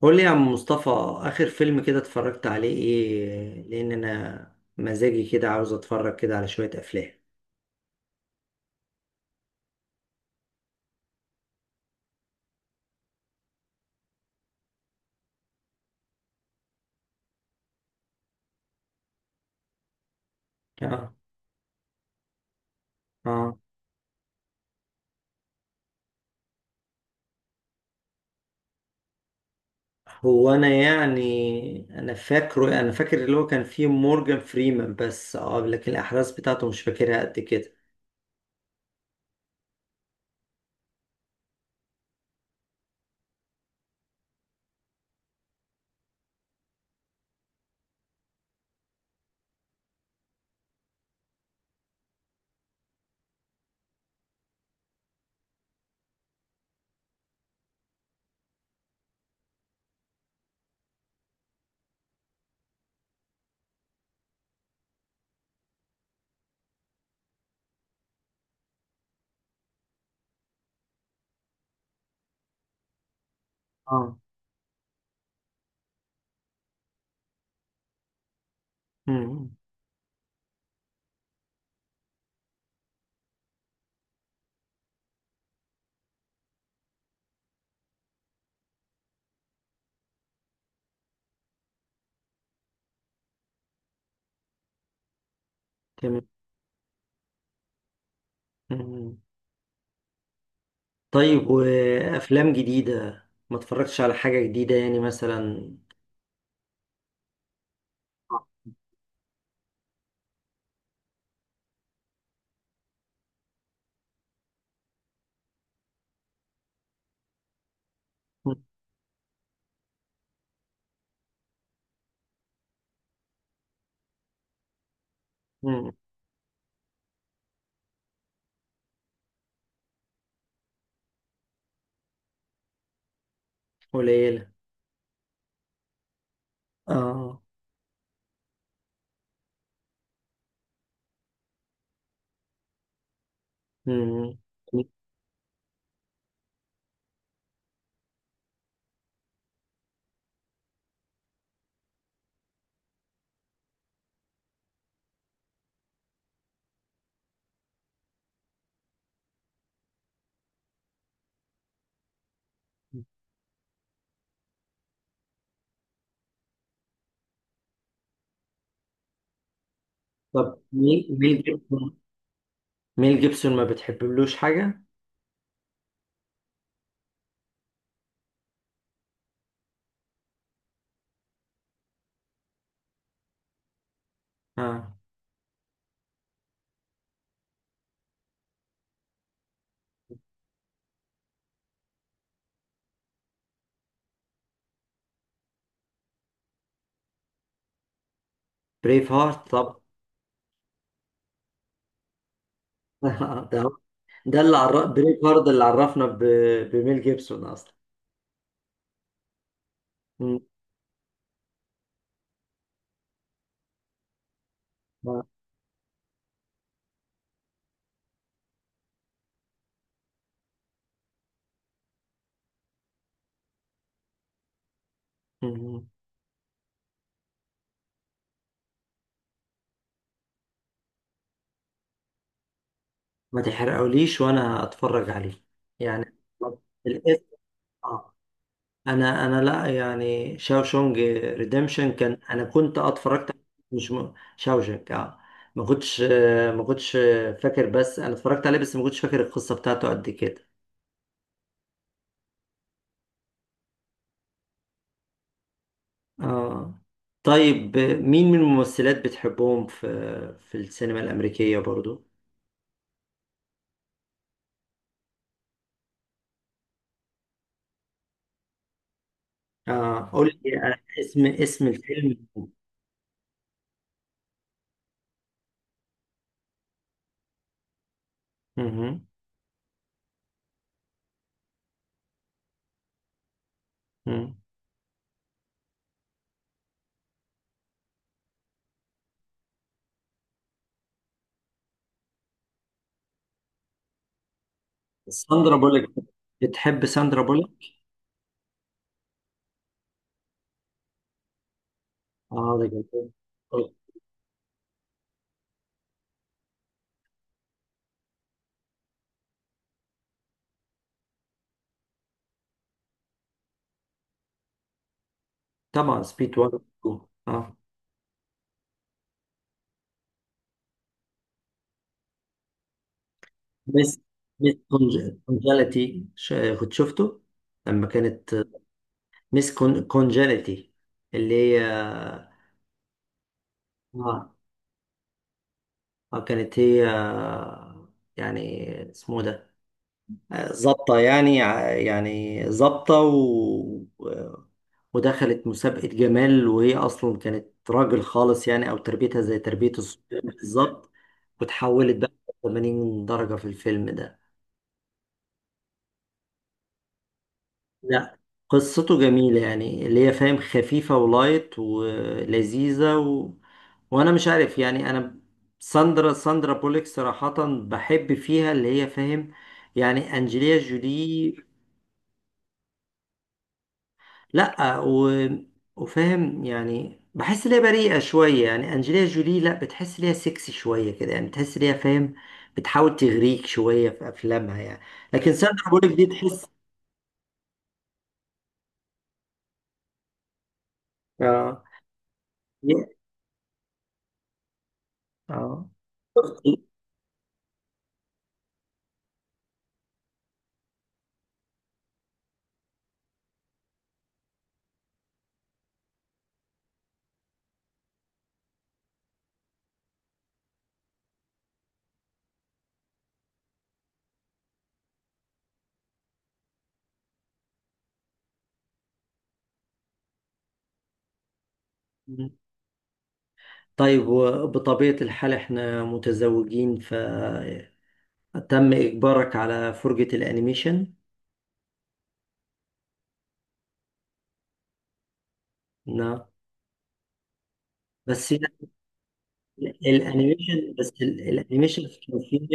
قول لي يا عم مصطفى، آخر فيلم كده اتفرجت عليه إيه؟ لأن أنا مزاجي كده عاوز أتفرج كده على شوية أفلام. آه. آه، هو أنا يعني أنا فاكر اللي هو كان فيه مورجان فريمان، بس آه لكن الأحداث بتاعته مش فاكرها قد كده. آه. مم. تمام. مم. طيب، وأفلام جديدة؟ ما اتفرجتش على حاجة جديدة يعني مثلا؟ مم. مم. قليلة. آه. مم. طب ميل جيبسون، ميل جيبسون ما بتحبلوش حاجة؟ اه، بريف هارت طب. ده ده اللي عرف بريف هارت، اللي عرفنا ب... بميل جيبسون أصلا. مم. آه. مم. ما تحرقوليش وأنا أتفرج عليه يعني الاسم. آه. أنا لا يعني شاوشونج ريديمشن كان، أنا كنت اتفرجت عليه، مش م... شاوشنج اه، ما كنتش فاكر، بس أنا اتفرجت عليه بس ما كنتش فاكر القصة بتاعته قد كده. اه. طيب، مين من الممثلات بتحبهم في في السينما الأمريكية برضو؟ اه قول لي اسم اسم الفيلم. مهم. مم. ساندرا بولك، بتحب ساندرا بولك؟ اه ده جميل. آه، طبعا سبيد 1 و 2. اه، بس مس كونجاليتي كنت شفته لما كانت مس كونجاليتي اللي هي. اه. كانت هي يعني اسمه ده ظابطة، يعني ع- يعني ظابطة، و... ودخلت مسابقة جمال وهي أصلا كانت راجل خالص يعني، أو تربيتها زي تربية الصبيان بالظبط، وتحولت بقى 80 درجة في الفيلم ده. لا، قصته جميلة يعني اللي هي فاهم، خفيفة ولايت ولذيذة. و... وأنا مش عارف يعني أنا ساندرا بوليك صراحة بحب فيها اللي هي فاهم. يعني أنجليا جولي لا، و... وفاهم يعني بحس ليها بريئة شوية، يعني أنجلينا جولي لا، بتحس ليها سكسي شوية كده يعني، بتحس ليها فاهم، بتحاول تغريك شوية في أفلامها يعني، لكن ساندرا بوليك دي تحس. اه. اه. طيب، وبطبيعة الحال احنا متزوجين فتم إجبارك على فرجة الأنيميشن؟ نعم، بس لا، الأنيميشن، بس الأنيميشن كان فيه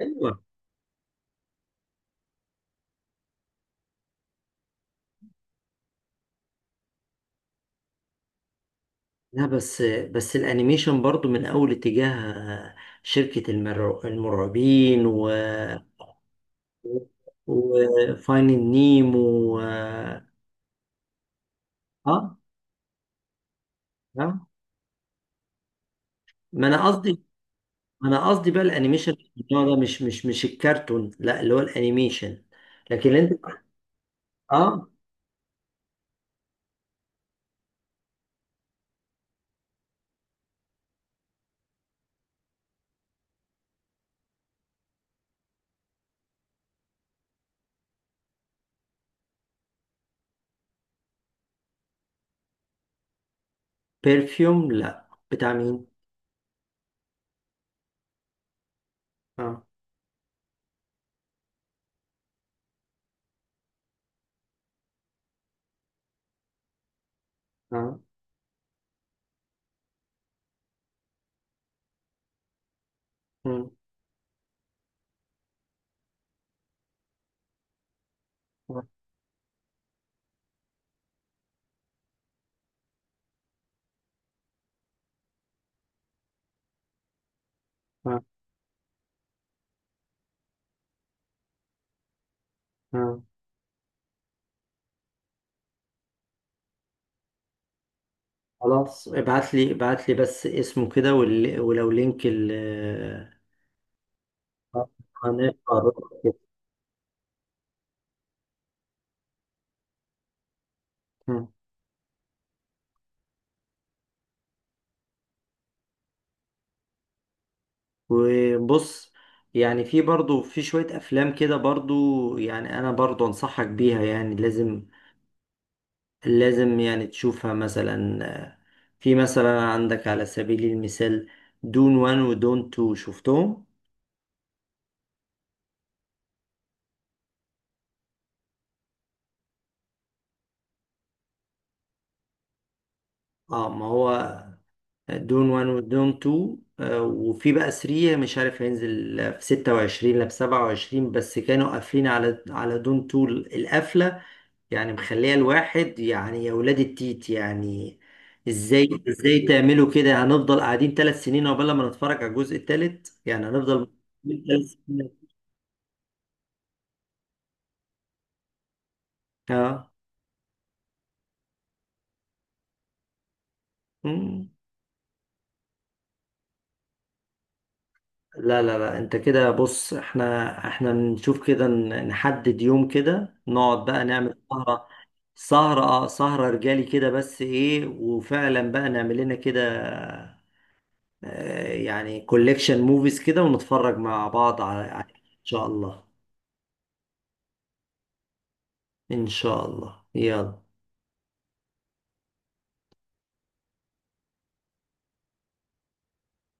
منه. لا، بس بس الانيميشن برضو من اول اتجاه شركة المرعبين، و وفاينل نيمو. و... اه. اه. آه. ما انا قصدي، ما انا قصدي بقى الانيميشن النوع ده، مش مش مش الكرتون، لا اللي هو الانيميشن. لكن انت؟ اه، بيرفيوم؟ لا، بتاع مين؟ اه. اه. مم. اه. اه. آه. خلاص، ابعت لي ابعت لي بس اسمه كده وال- ولو لينك ال... هنقرب كده. مم. وبص، يعني في برضو في شوية أفلام كده برضو يعني أنا برضو أنصحك بيها، يعني لازم يعني تشوفها مثلا. آه، في مثلا عندك على سبيل المثال دون وان ودون تو، شفتهم؟ اه، ما هو دون وان ودون تو وفي بقى 3، مش عارف هينزل في 26 لا في 27، بس كانوا قافلين على على دون تو القفلة يعني، مخليه الواحد يعني يا ولاد التيت يعني ازاي ازاي تعملوا كده، هنفضل قاعدين ثلاث سنين عقبال ما نتفرج على الجزء الثالث يعني، هنفضل ثلاث سنين. اه. مم. لا انت كده بص، احنا نشوف كده، ن- نحدد يوم كده نقعد بقى نعمل سهرة. سهرة اه، سهرة رجالي كده بس ايه، وفعلا بقى نعمل لنا كده آه، يعني كوليكشن موفيز كده، ونتفرج مع بعض على على- ان شاء الله. إن شاء الله، يلا.